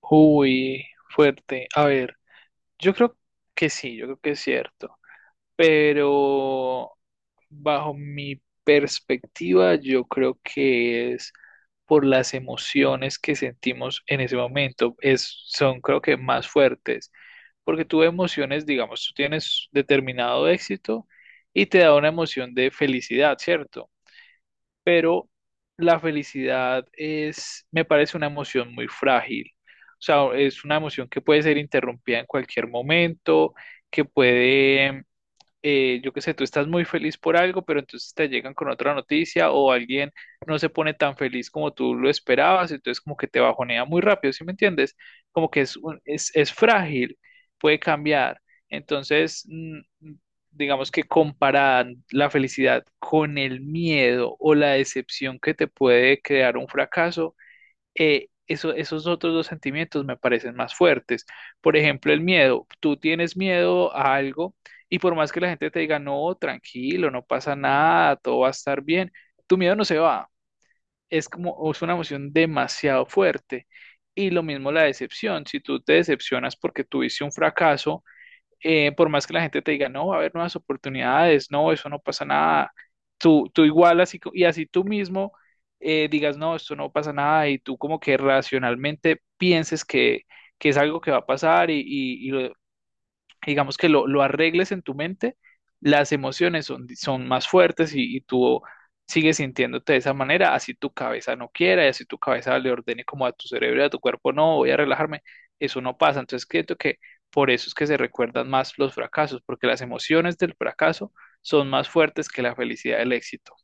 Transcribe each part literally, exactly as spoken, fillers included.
Uy, fuerte. A ver, yo creo que sí, yo creo que es cierto. Pero bajo mi perspectiva, yo creo que es por las emociones que sentimos en ese momento. Es, son, creo que, más fuertes. Porque tú emociones, digamos, tú tienes determinado éxito y te da una emoción de felicidad, ¿cierto? Pero la felicidad es, me parece una emoción muy frágil. O sea, es una emoción que puede ser interrumpida en cualquier momento, que puede eh, yo qué sé, tú estás muy feliz por algo, pero entonces te llegan con otra noticia o alguien no se pone tan feliz como tú lo esperabas, entonces como que te bajonea muy rápido, ¿sí me entiendes? Como que es, un- es, es frágil, puede cambiar. Entonces, mm, digamos que comparar la felicidad con el miedo o la decepción que te puede crear un fracaso eh, eso- esos otros dos sentimientos me parecen más fuertes. Por ejemplo, el miedo. Tú tienes miedo a algo y por más que la gente te diga, no, tranquilo, no pasa nada, todo va a estar bien, tu miedo no se va. Es como, es una emoción demasiado fuerte. Y lo mismo la decepción. Si tú te decepcionas porque tuviste un fracaso, eh, por más que la gente te diga, no, va a haber nuevas oportunidades, no, eso no pasa nada, tú, tú igual así, co- y así tú mismo eh, digas, no, esto no pasa nada, y tú como que racionalmente pienses que, que es algo que va a pasar y, digamos que lo, lo arregles en tu mente, las emociones son, son más fuertes y, y tú sigues sintiéndote de esa manera, así tu cabeza no quiera y así tu cabeza le ordene como a tu cerebro y a tu cuerpo, no, voy a relajarme, eso no pasa. Entonces, creo que por eso es que se recuerdan más los fracasos, porque las emociones del fracaso son más fuertes que la felicidad del éxito.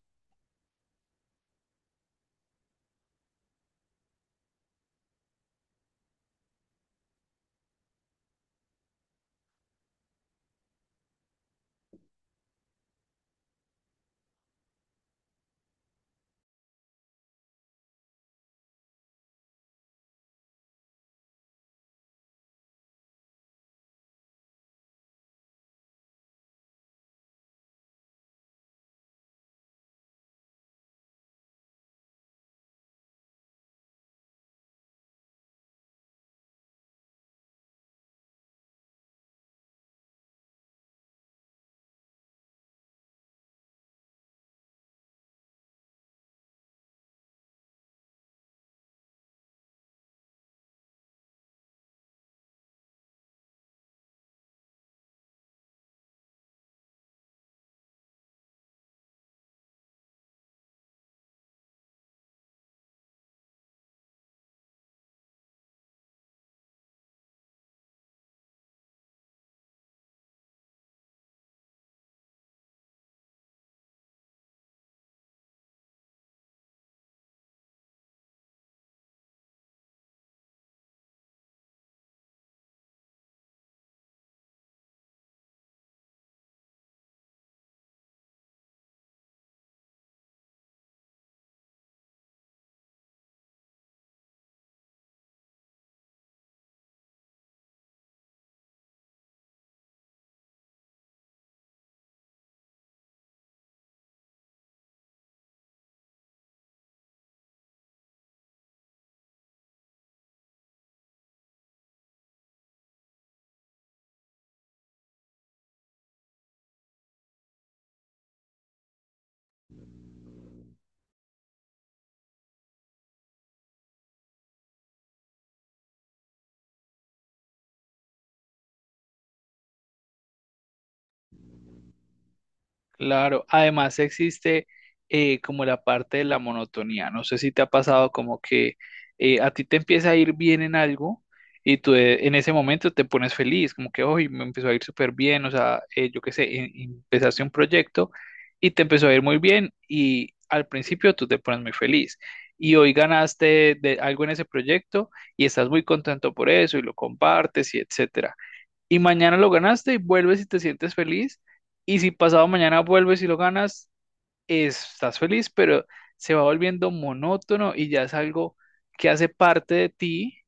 Claro, además existe eh, como la parte de la monotonía. No sé si te ha pasado como que eh, a ti te empieza a ir bien en algo y tú eh, en ese momento te pones feliz, como que hoy me empezó a ir súper bien, o sea, eh, yo qué sé, em- empezaste un proyecto y te empezó a ir muy bien y al principio tú te pones muy feliz y hoy ganaste de algo en ese proyecto y estás muy contento por eso y lo compartes y etcétera y mañana lo ganaste y vuelves y te sientes feliz. Y si pasado mañana vuelves y lo ganas, estás feliz, pero se va volviendo monótono y ya es algo que hace parte de ti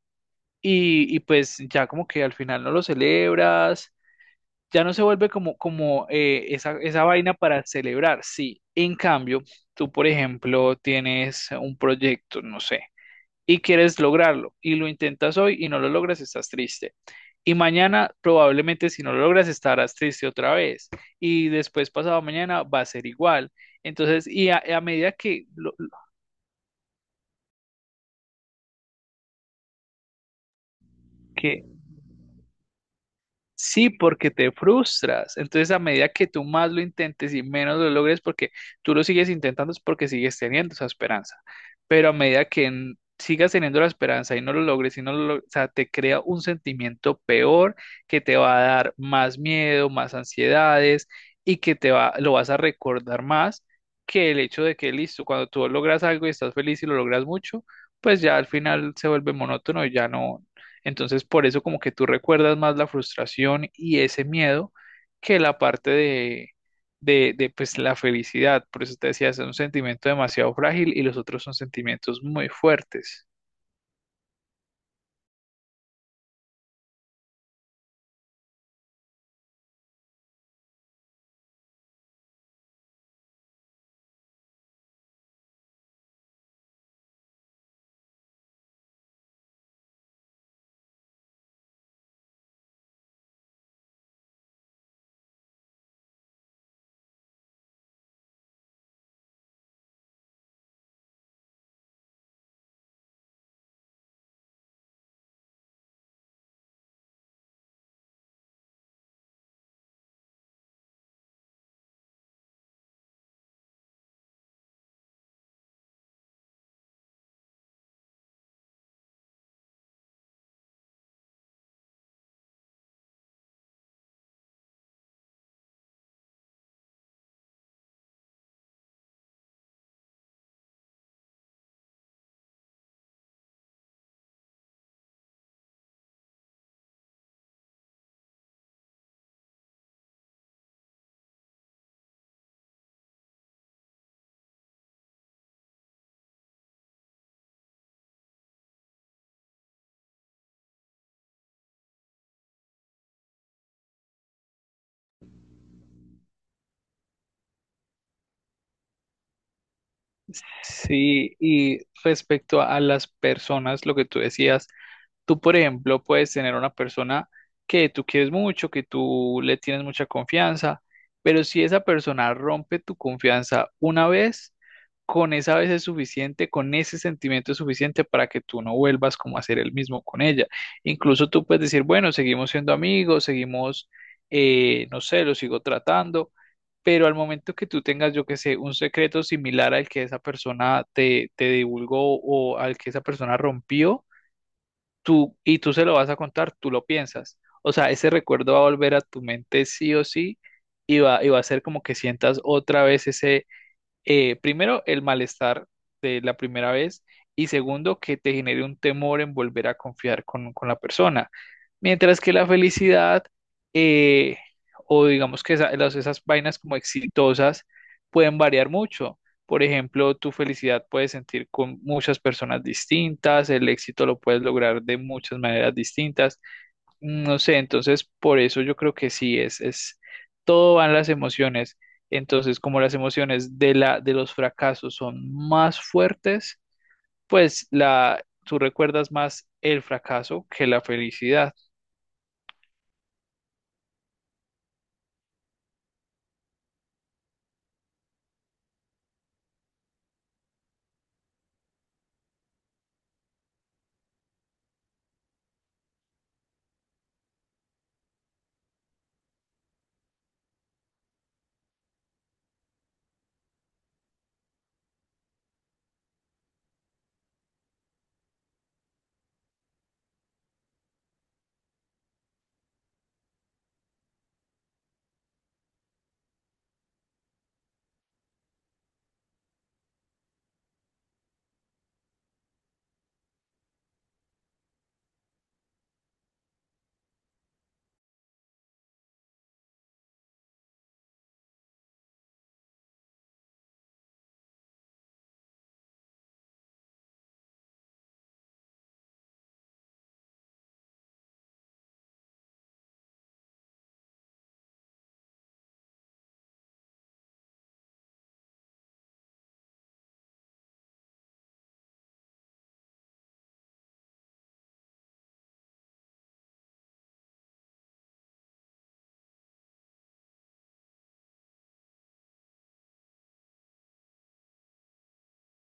y, y pues ya como que al final no lo celebras, ya no se vuelve como, como eh, esa, esa vaina para celebrar, sí. En cambio, tú, por ejemplo, tienes un proyecto, no sé y quieres lograrlo y lo intentas hoy y no lo logras, estás triste. Y mañana probablemente si no lo logras estarás triste otra vez. Y después pasado mañana va a ser igual. Entonces, y a, a medida que, lo- que Sí, porque te frustras. Entonces, a medida que tú más lo intentes y menos lo logres, porque tú lo sigues intentando, es porque sigues teniendo esa esperanza. Pero a medida que n- sigas teniendo la esperanza y no lo logres, y no lo log- o sea, te crea un sentimiento peor que te va a dar más miedo, más ansiedades y que te va, lo vas a recordar más que el hecho de que, listo, cuando tú logras algo y estás feliz y lo logras mucho, pues ya al final se vuelve monótono y ya no, entonces, por eso como que tú recuerdas más la frustración y ese miedo que la parte de, de, de, pues la felicidad. Por eso te decía, es un sentimiento demasiado frágil y los otros son sentimientos muy fuertes. Sí, y respecto a las personas, lo que tú decías, tú, por ejemplo, puedes tener una persona que tú quieres mucho, que tú le tienes mucha confianza, pero si esa persona rompe tu confianza una vez, con esa vez es suficiente, con ese sentimiento es suficiente para que tú no vuelvas como a ser el mismo con ella. Incluso tú puedes decir, bueno, seguimos siendo amigos, seguimos, eh, no sé, lo sigo tratando, pero al momento que tú tengas, yo que sé, un secreto similar al que esa persona te, te divulgó o al que esa persona rompió, tú y tú se lo vas a contar, tú lo piensas. O sea, ese recuerdo va a volver a tu mente sí o sí y va, y va a ser como que sientas otra vez ese, eh, primero, el malestar de la primera vez y segundo, que te genere un temor en volver a confiar con, con la persona. Mientras que la felicidad eh, o digamos que esa- las- esas vainas como exitosas pueden variar mucho. Por ejemplo, tu felicidad puedes sentir con muchas personas distintas, el éxito lo puedes lograr de muchas maneras distintas. No sé, entonces por eso yo creo que sí, es, es, todo van las emociones. Entonces, como las emociones de la, de los fracasos son más fuertes, pues la, tú recuerdas más el fracaso que la felicidad.